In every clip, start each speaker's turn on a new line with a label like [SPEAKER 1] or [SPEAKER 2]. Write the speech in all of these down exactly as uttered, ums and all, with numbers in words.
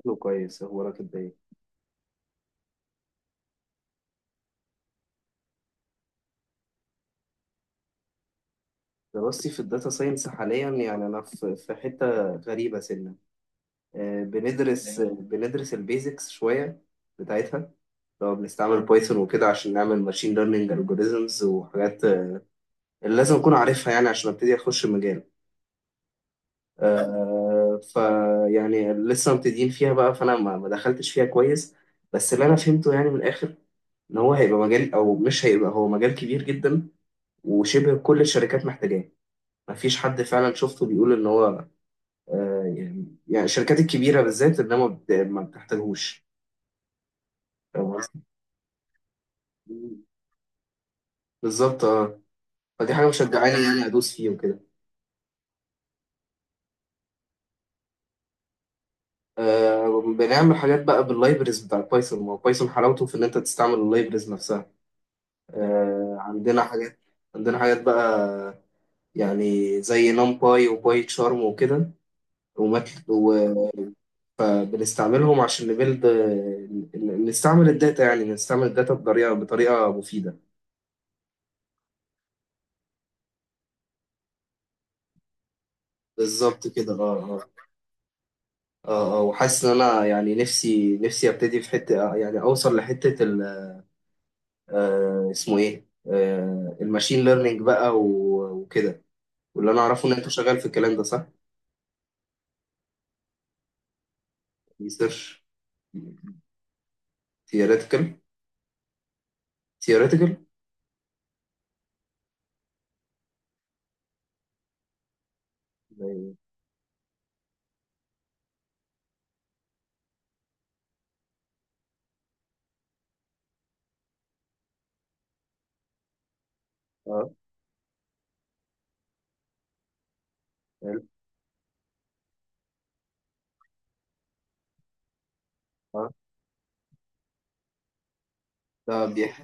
[SPEAKER 1] شكله كويس، هو راكب باين. دراستي في الداتا ساينس حاليا، يعني انا في في حته غريبه سنه. آه، بندرس ليه؟ بندرس البيزكس شويه بتاعتها. لو بنستعمل مم. بايثون وكده عشان نعمل ماشين ليرنينج الجوريزمز وحاجات آه، اللي لازم اكون عارفها يعني عشان ابتدي اخش المجال. آه، فيعني لسه مبتدئين فيها بقى، فانا ما ما دخلتش فيها كويس. بس اللي انا فهمته يعني من الاخر، ان هو هيبقى مجال او مش هيبقى، هو مجال كبير جدا وشبه كل الشركات محتاجاه. مفيش حد فعلا شفته بيقول ان هو آه، يعني يعني الشركات الكبيره بالذات ان هي ما بت- ما بتحتاجهوش. فاهم قصدي؟ بالظبط، اه. فدي حاجه مشجعاني يعني ادوس فيه وكده. آه بنعمل حاجات بقى باللايبرز بتاع بايثون، ما هو بايثون حلاوته في ان انت تستعمل اللايبرز نفسها. آه عندنا حاجات عندنا حاجات بقى، يعني زي نمباي وباي تشارم وكده وماتل- وبنستعملهم عشان نبيلد، نستعمل الداتا يعني نستعمل الداتا بطريقه بطريقه مفيده. بالظبط كده، اه. اه. اه. اه. وحاسس ان انا يعني نفسي نفسي ابتدي في حته، يعني اوصل لحته ال آه اسمه ايه آه الماشين ليرنينج بقى و- وكده. واللي انا اعرفه ان انت شغال في الكلام ده، صح؟ ريسيرش. ثيوريتيكال ثيوريتيكال. اه. آه، حلو. اه. ده بيح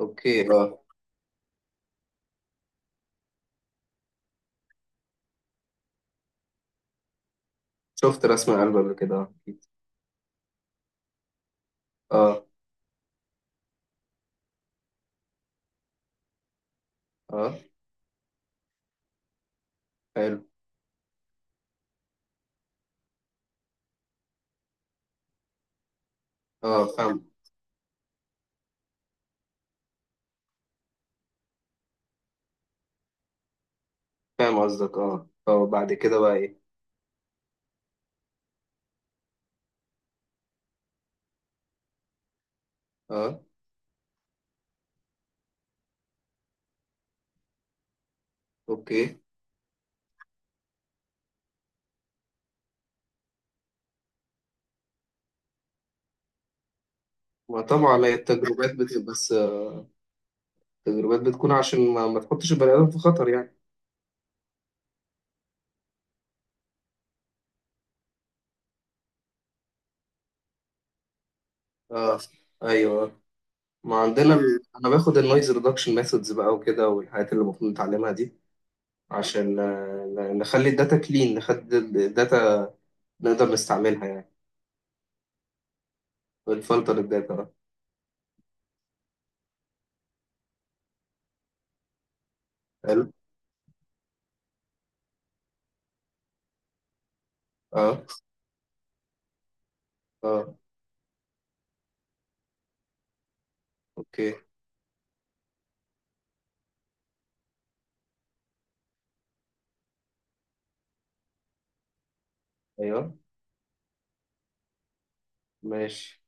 [SPEAKER 1] اوكي. اه. شفت رسم القلب قبل كده، اه أكيد. اه. اه. حلو. اه. فاهم، فاهم قصدك. اه. اه. بعد كده بقى ايه؟ اه. اوكي. ما طبعا هي التجربات بت... بس التدريبات بتكون عشان ما, ما تحطش البني ادم في خطر يعني. اه. ايوه. ما عندنا مم. انا باخد النويز ريدكشن ميثودز بقى وكده، والحاجات اللي المفروض نتعلمها دي. عشان آه، ن- نخلي الداتا كلين، نخلي الداتا نقدر نستعملها يعني، ونفلتر الداتا بقى. حلو. اه. اه. اوكي. ايوه. ماشي.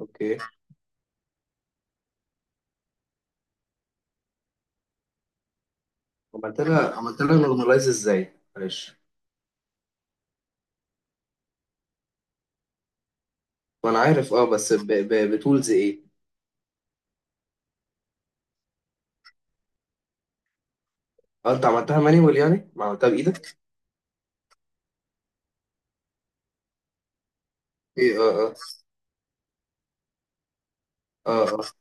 [SPEAKER 1] اوكي. عملت لها عملت لها نورماليز ازاي معلش؟ وانا عارف اه، بس ب... ب... بتولز ايه؟ اه. انت عملتها مانيوال يعني، ما عملتها بايدك. ايه. اه. اه. اه. آه.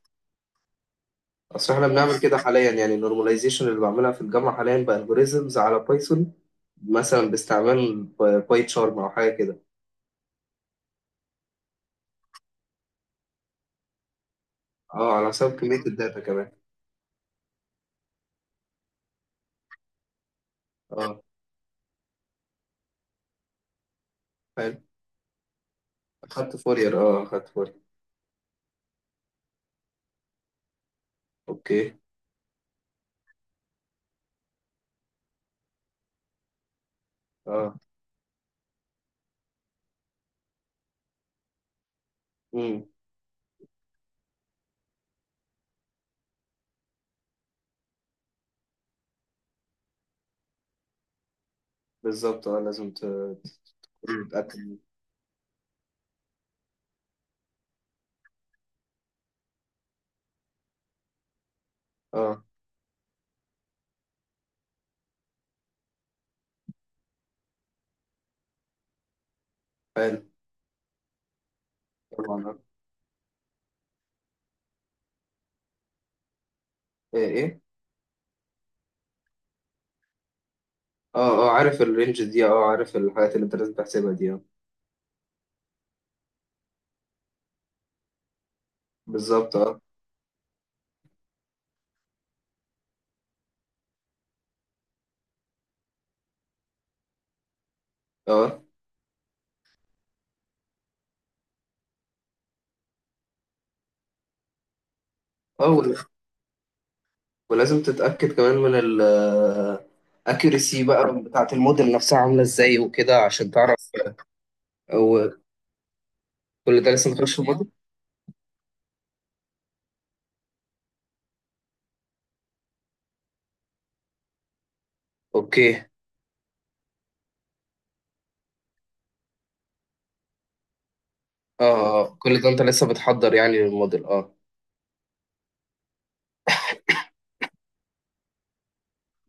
[SPEAKER 1] اصل احنا بنعمل ماشي كده حاليا يعني، النورماليزيشن اللي بعملها في الجامعه حاليا بالجوريزمز على بايثون، مثلا باستعمال باي تشارم او حاجه كده. اه، على حسب كميه الداتا كمان. اه. حلو. اخدت فورير اه اخدت فورير. اوكي. اه. امم. بالظبط، اه. لازم ت- تكون متاكد. اه. حلو. طبعا. ايه. ايه. اه. اه. عارف الرينج دي، اه. آه، عارف الحاجات اللي انت لازم تحسبها دي، اه. بالظبط. اه. اه. اه. ولازم تتأكد كمان من ال accuracy بقى بتاعة الموديل نفسها عاملة ازاي وكده، عشان تعرف. أو كل ده لسه مدخلش في الموديل؟ اوكي. اه. اه. آه. كل ده انت لسه بتحضر يعني للموديل، اه.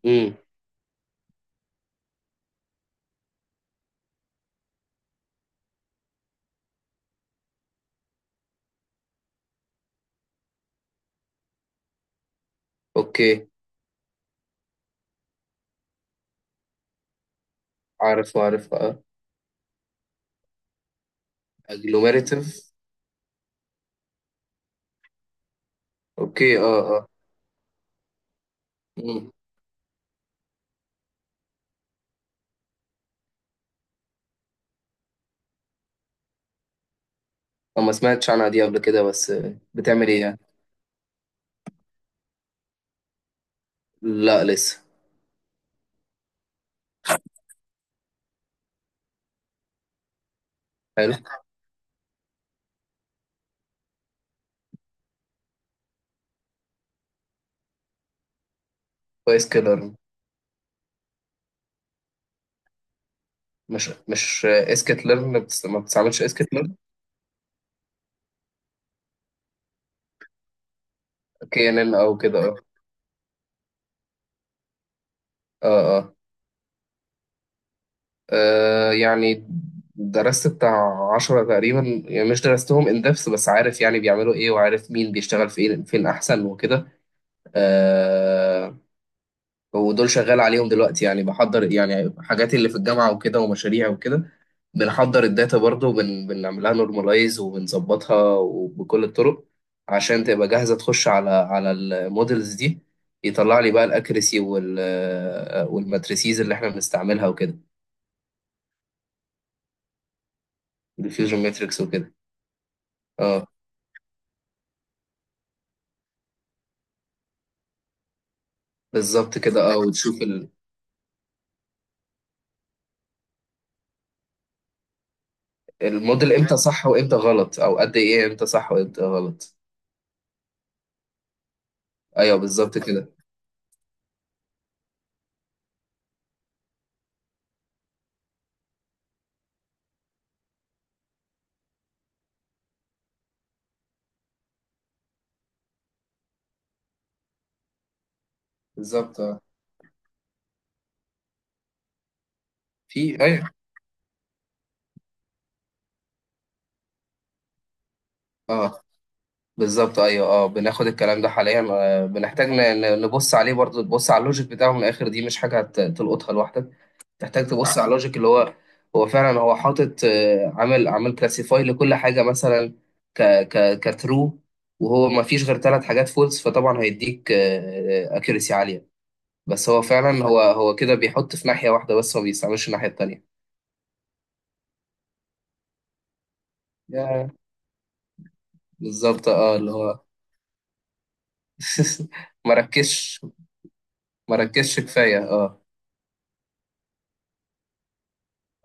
[SPEAKER 1] امم. اوكي. عارف، عارف، اه. agglomerative. اوكي. اه. اه. امم. أنا ما سمعتش عنها دي قبل كده، بس آه، بتعمل ايه يعني؟ لا لسه. حلو. كويس كده. مش مش اسكت ليرن، ما بتستعملش اسكت ليرن؟ كي ان ان او كده، اه. اه. آه. آه، يعني درست بتاع عشرة تقريبا، يعني مش درستهم ان دepth، بس عارف يعني بيعملوا ايه، وعارف مين بيشتغل فين فين احسن وكده. آه ودول شغال عليهم دلوقتي، يعني بحضر يعني حاجاتي اللي في الجامعة وكده ومشاريع وكده. بنحضر الداتا برضو، بن بنعملها نورماليز وبنظبطها وبكل الطرق، عشان تبقى جاهزة تخش على على المودلز دي. يطلع لي بقى الاكريسي وال والماتريسيز اللي احنا بنستعملها وكده. الفيوجن ماتريكس وكده، آه. بالظبط كده، اه. وتشوف ال- الموديل امتى صح وامتى غلط، او قد ايه امتى صح وامتى غلط. ايوه، بالظبط كده. بالظبط. اه. في. ايوه. اه. بالظبط. ايوه. اه. بناخد الكلام ده حاليا، آه، بنحتاج ن- ن- نبص عليه برضه، تبص على اللوجيك بتاعه من الاخر، دي مش حاجه هت- تلقطها لوحدك. تحتاج تبص على اللوجيك، اللي هو هو فعلا هو حاطط آه، عامل عامل كلاسيفاي لكل حاجه، مثلا ك ك كترو. وهو ما فيش غير ثلاث حاجات فولس، فطبعا هيديك اكيرسي عاليه. بس هو فعلا هو هو كده بيحط في ناحية واحدة بس، ما بيستعملش الناحية التانية. يا بالظبط، اه. اللي هو مركزش. مركزش كفاية، اه.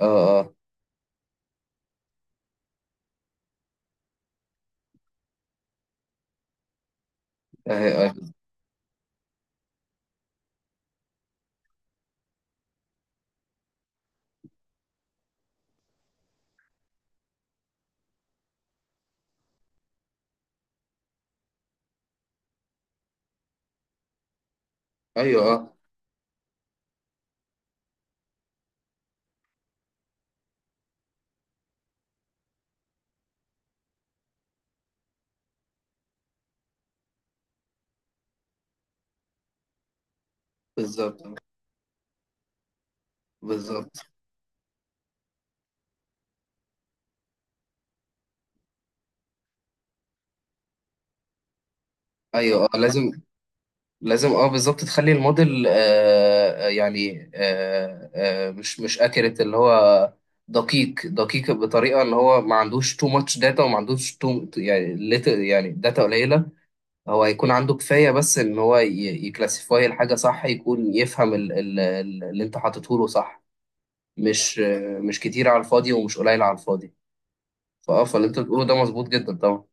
[SPEAKER 1] اه. اه. آه. آه. آه. ايوه. اه. بالظبط. بالظبط. ايوه. اه. لازم. لازم. اه. بالظبط تخلي الموديل آه آه، يعني آه آه مش مش اكيرت، اللي هو دقيق، دقيق بطريقة ان هو ما عندوش تو ماتش داتا، وما عندوش تو يعني little- يعني داتا قليلة. هو يكون عنده كفاية، بس إن هو ي- يكلاسيفاي الحاجة صح، يكون يفهم ال- ال- ال- اللي أنت حاطته له صح. مش مش كتير على الفاضي، ومش قليل على الفاضي. فأه فاللي أنت بتقوله ده مظبوط جدا طبعا.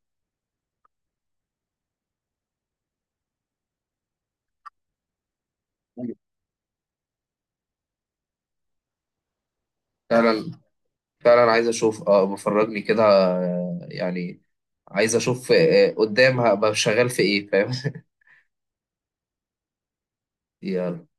[SPEAKER 1] فعلا، فعلا، عايز أشوف أه بفرجني كده، آه، يعني عايز أشوف آه، قدام هبقى شغال في إيه، فاهم؟